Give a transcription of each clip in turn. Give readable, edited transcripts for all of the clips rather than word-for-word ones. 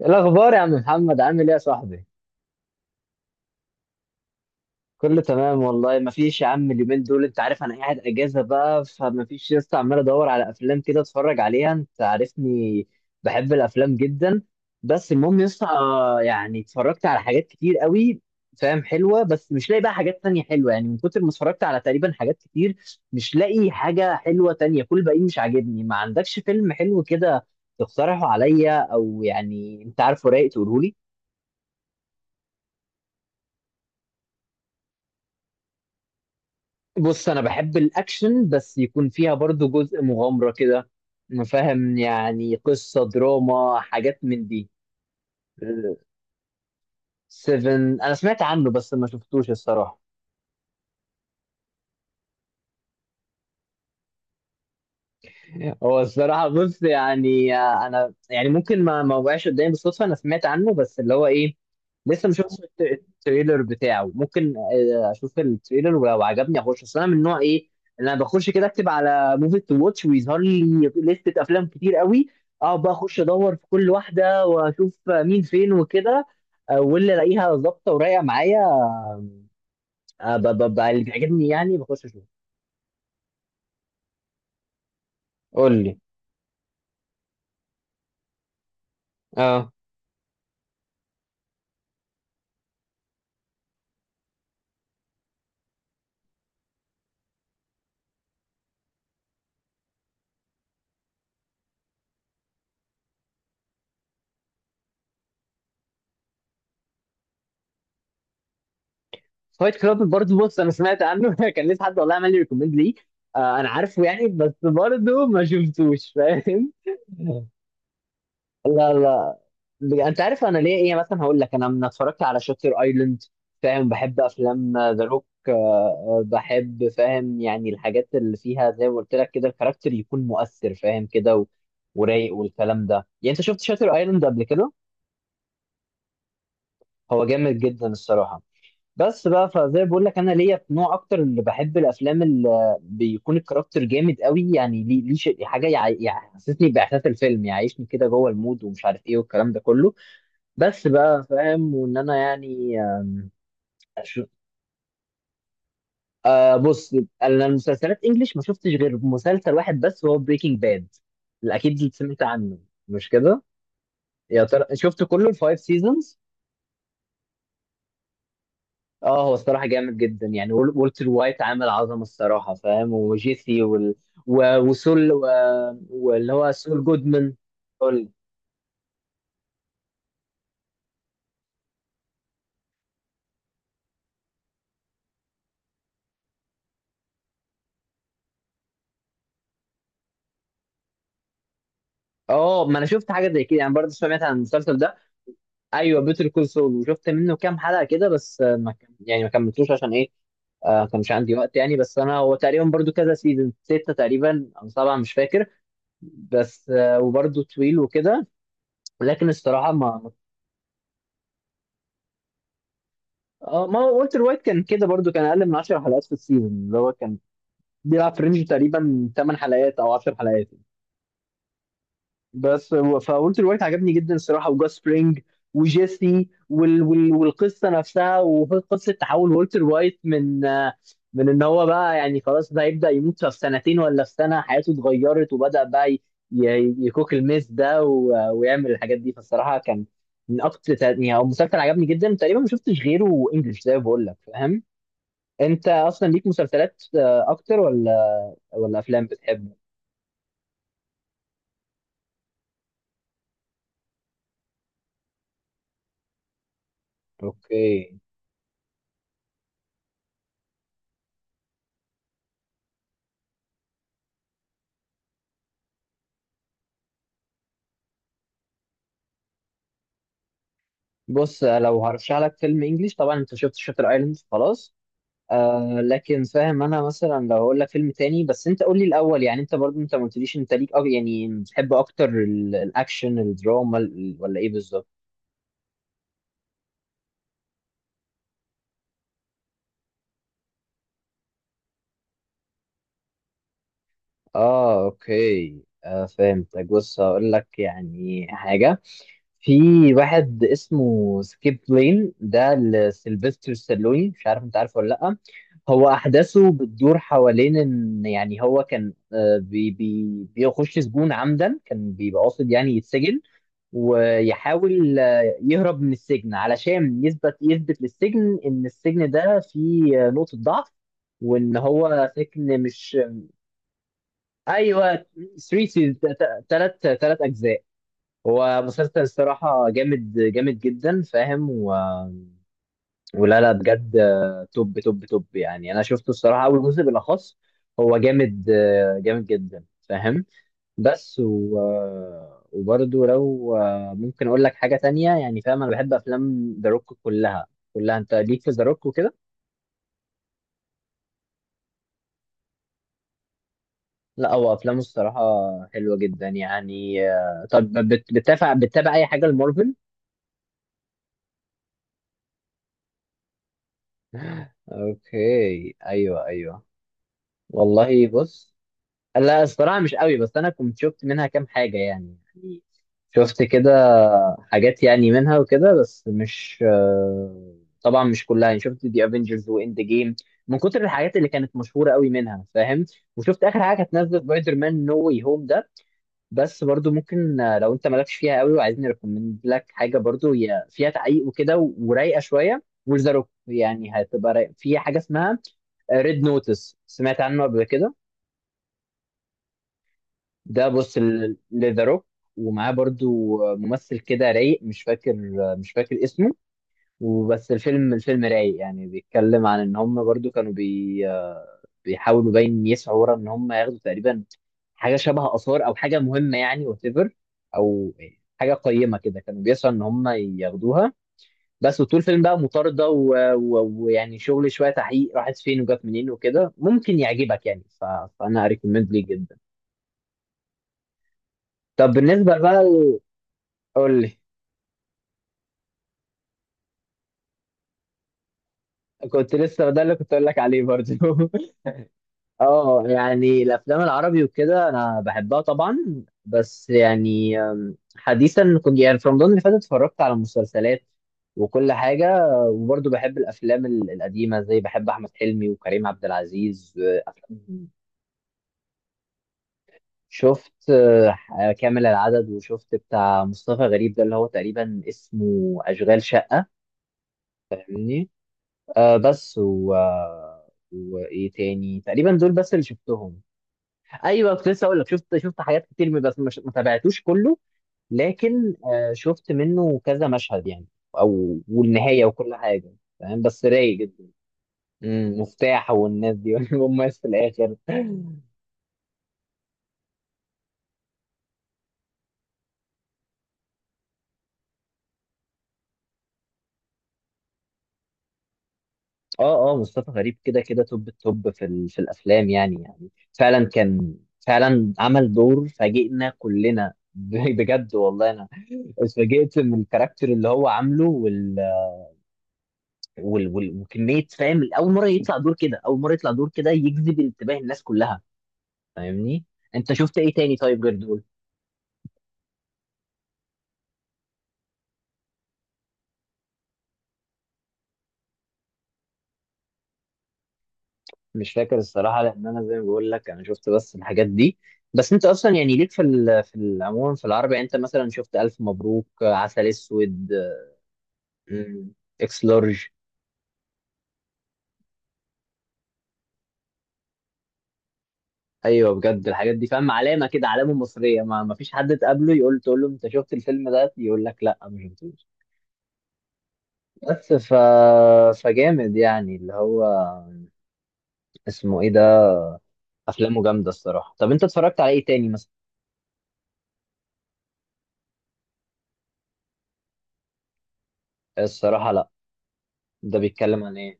إيه الاخبار يا عم محمد، عامل ايه يا صاحبي؟ كله تمام والله. ما فيش يا عم، اليومين دول انت عارف انا قاعد اجازه بقى، فما فيش لسه، عمال ادور على افلام كده اتفرج عليها، انت عارفني بحب الافلام جدا. بس المهم لسه يعني اتفرجت على حاجات كتير قوي، فاهم، حلوه، بس مش لاقي بقى حاجات تانية حلوه، يعني من كتر ما اتفرجت على تقريبا حاجات كتير مش لاقي حاجه حلوه تانية، كل باقي مش عاجبني. ما عندكش فيلم حلو كده تقترحه عليا، او يعني انت عارفه رايق تقوله لي. بص، انا بحب الاكشن، بس يكون فيها برضو جزء مغامرة كده، فاهم، يعني قصة دراما حاجات من دي. سيفن انا سمعت عنه بس ما شفتوش الصراحة. هو الصراحة بص يعني أنا يعني ممكن ما وقعش قدامي بالصدفة، أنا سمعت عنه بس اللي هو إيه، لسه ما شفتش التريلر بتاعه، ممكن أشوف التريلر ولو عجبني أخش، أصل أنا من نوع إيه اللي أنا بخش كده أكتب على موفي تو واتش، ويظهر لي لستة أفلام كتير قوي، أقعد بقى أخش أدور في كل واحدة وأشوف مين فين وكده. واللي ألاقيها ظابطة ورايقة معايا، اللي بيعجبني يعني بخش أشوفه. قول لي. اه. فايت كلاب، برضه بص انا سمعت عنه كان لسه حد والله عمل لي ريكومند ليه. آه انا عارفه يعني بس برضه ما شفتوش فاهم. لا لا. انت عارف انا ليه ايه، مثلا هقول لك انا من اتفرجت على شاتر ايلاند، فاهم، بحب افلام ذا روك، بحب، فاهم، يعني الحاجات اللي فيها زي ما قلت لك كده الكاركتر يكون مؤثر فاهم كده ورايق والكلام ده. يعني انت شفت شاتر ايلاند قبل كده؟ هو جامد جدا الصراحة. بس بقى فزي بقول لك انا ليا في نوع اكتر، اللي بحب الافلام اللي بيكون الكاركتر جامد قوي، يعني ليه حاجه يحسسني باحساس الفيلم، يعني يعيشني كده جوه المود ومش عارف ايه والكلام ده كله. بس بقى فاهم وان انا يعني أش- آه بص، انا المسلسلات انجليش ما شفتش غير مسلسل واحد بس، هو بريكنج باد، اكيد سمعت عنه مش كده؟ يا ترى شفت كله الفايف سيزونز؟ اه، هو الصراحه جامد جدا يعني، والتر وايت عامل عظمه الصراحه فاهم، وجيسي وسول واللي هو سول جودمان. سول. اه ما انا شفت حاجه زي كده يعني برضه سمعت عن المسلسل ده. ايوه بيتر كول سول، وشفت منه كام حلقه كده بس، آه، ما كم... يعني ما كملتوش، عشان ايه؟ آه، ما كانش عندي وقت يعني. بس انا هو تقريبا برضه كذا سيزون، سته تقريبا او سبعه، مش فاكر. بس وبرضه طويل وكده. لكن الصراحه ما. اه، ما هو والتر وايت كان كده برضو، كان اقل من 10 حلقات في السيزون، اللي هو كان بيلعب في رينج تقريبا 8 حلقات او 10 حلقات. بس فولتر وايت عجبني جدا الصراحه، وجاس سبرينج وجيسي والقصه نفسها، وقصه تحول والتر وايت من من ان هو بقى يعني خلاص ده هيبدا يموت في سنتين ولا في سنه، حياته اتغيرت وبدا بقى يكوك الميس ده ويعمل الحاجات دي. فالصراحه كان من اكتر يعني، هو مسلسل عجبني جدا، تقريبا ما شفتش غيره انجلش زي ما بقول لك فاهم. انت اصلا ليك مسلسلات اكتر، ولا ولا افلام بتحب؟ اوكي. بص، لو هرشح لك فيلم انجليش طبعا، انت شفت شاتر ايلاند خلاص. آه، لكن فاهم انا مثلا لو هقول لك فيلم تاني، بس انت قول لي الاول يعني، انت برضو انت ما قلتليش انت ليك، أو يعني بتحب اكتر الاكشن، الدراما، ولا ايه بالظبط؟ اه اوكي، آه فهمتك. بص هقول لك يعني حاجة، في واحد اسمه سكيب لين ده لسيلفستر ستالوني، مش عارف انت عارفه ولا لأ. هو أحداثه بتدور حوالين إن يعني هو كان، آه، بي بي بيخش سجون عمدا، كان بيبقى قاصد يعني يتسجن، ويحاول يهرب من السجن علشان يثبت للسجن إن السجن ده فيه نقطة ضعف، وإن هو سجن مش. أيوه 3 ثلاث أجزاء. هو مسلسل الصراحة جامد جامد جدا فاهم ولا لا بجد، توب توب توب يعني، أنا شفته الصراحة أول جزء بالأخص هو جامد، جامد جدا فاهم. بس و... آه، وبرضه لو ممكن أقول لك حاجة تانية يعني فاهم، أنا بحب أفلام ذا روك كلها، كلها. أنت ليك في ذا روك وكده؟ لا، هو أفلامه الصراحة حلوة جدا يعني. طب بتتابع أي حاجة لمارفل؟ أوكي أيوه أيوه، والله بص. لا الصراحة مش قوي، بس أنا كنت شفت منها كام حاجة يعني يعني شفت كده حاجات يعني منها وكده، بس مش طبعا مش كلها يعني. شفت دي افنجرز واند جيم من كتر الحاجات اللي كانت مشهورة قوي منها فاهم، وشفت آخر حاجة كانت نازلة سبايدر مان نو واي هوم ده. بس برضو ممكن لو أنت مالكش فيها قوي وعايزين نريكومند لك حاجة، برضو هي فيها تعقيق وكده ورايقة شوية، وذا روك يعني هتبقى رايقة. في حاجة اسمها ريد نوتس، سمعت عنه قبل كده؟ ده بص لذا روك، ومعاه برضو ممثل كده رايق، مش فاكر، مش فاكر اسمه. وبس الفيلم، الفيلم رايق يعني، بيتكلم عن ان هم برضو كانوا بي بيحاولوا باين يسعوا ورا ان هم ياخدوا تقريبا حاجه شبه اثار او حاجه مهمه، يعني وات ايفر، او حاجه قيمه كده كانوا بيسعوا ان هم ياخدوها. بس وطول الفيلم بقى مطارده ويعني شغل شويه تحقيق، راحت فين وجت منين وكده، ممكن يعجبك يعني، فانا اريكومند ليه جدا. طب بالنسبه بقى، قول لي. كنت لسه ده اللي كنت اقول لك عليه برضه اه يعني الافلام العربي وكده انا بحبها طبعا، بس يعني حديثا كنت يعني في رمضان اللي فات اتفرجت على مسلسلات وكل حاجه، وبرضه بحب الافلام القديمه، زي بحب احمد حلمي وكريم عبد العزيز وأفلام- شفت كامل العدد، وشفت بتاع مصطفى غريب ده اللي هو تقريبا اسمه اشغال شقه، فاهمني. آه بس و آه، وايه تاني؟ تقريبا دول بس اللي شفتهم. ايوه كنت لسه اقول لك، شفت حاجات كتير من، بس مش، ما تابعتوش كله، لكن شفت منه كذا مشهد يعني، او والنهايه وكل حاجه، فاهم، بس رايق جدا. مفتاح والناس دي والناس في الاخر. اه اه مصطفى غريب كده كده توب، التوب في في الافلام يعني يعني، فعلا كان، فعلا عمل دور فاجئنا كلنا بجد والله انا اتفاجئت من الكاركتر اللي هو عامله وكميه فاهم. اول مره يطلع دور كده اول مره يطلع دور كده يجذب انتباه الناس كلها فاهمني. انت شفت ايه تاني طيب غير دول؟ مش فاكر الصراحه، لان انا زي ما بقول لك انا شفت بس الحاجات دي. بس انت اصلا يعني ليك في العموم في العربي يعني، انت مثلا شفت الف مبروك، عسل اسود، مم، اكس لارج. ايوه بجد الحاجات دي فاهم علامه كده، علامه مصريه. ما فيش حد تقابله تقول له انت شفت الفيلم ده يقول لك لا ما شفتوش. بس ف فجامد يعني اللي هو اسمه ايه ده، افلامه جامده الصراحه. طب انت اتفرجت على ايه تاني مثلا؟ الصراحه لا، ده بيتكلم عن ايه؟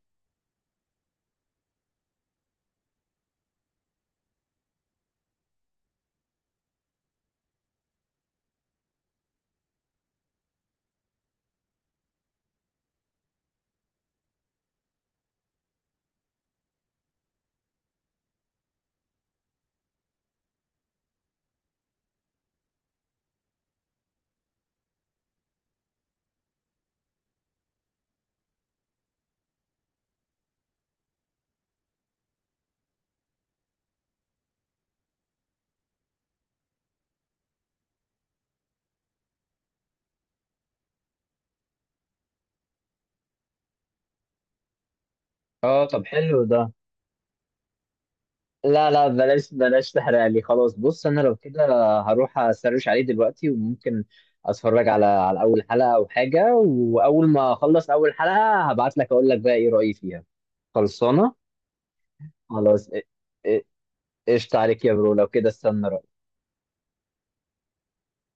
اه طب حلو ده. لا لا بلاش بلاش تحرق لي خلاص. بص انا لو كده هروح اسرش عليه دلوقتي، وممكن اتفرج على اول حلقه او حاجه، واول ما اخلص اول حلقه هبعت لك اقول لك بقى ايه رايي فيها. خلصانه. خلاص إ- قشطة عليك يا برو، لو كده استنى.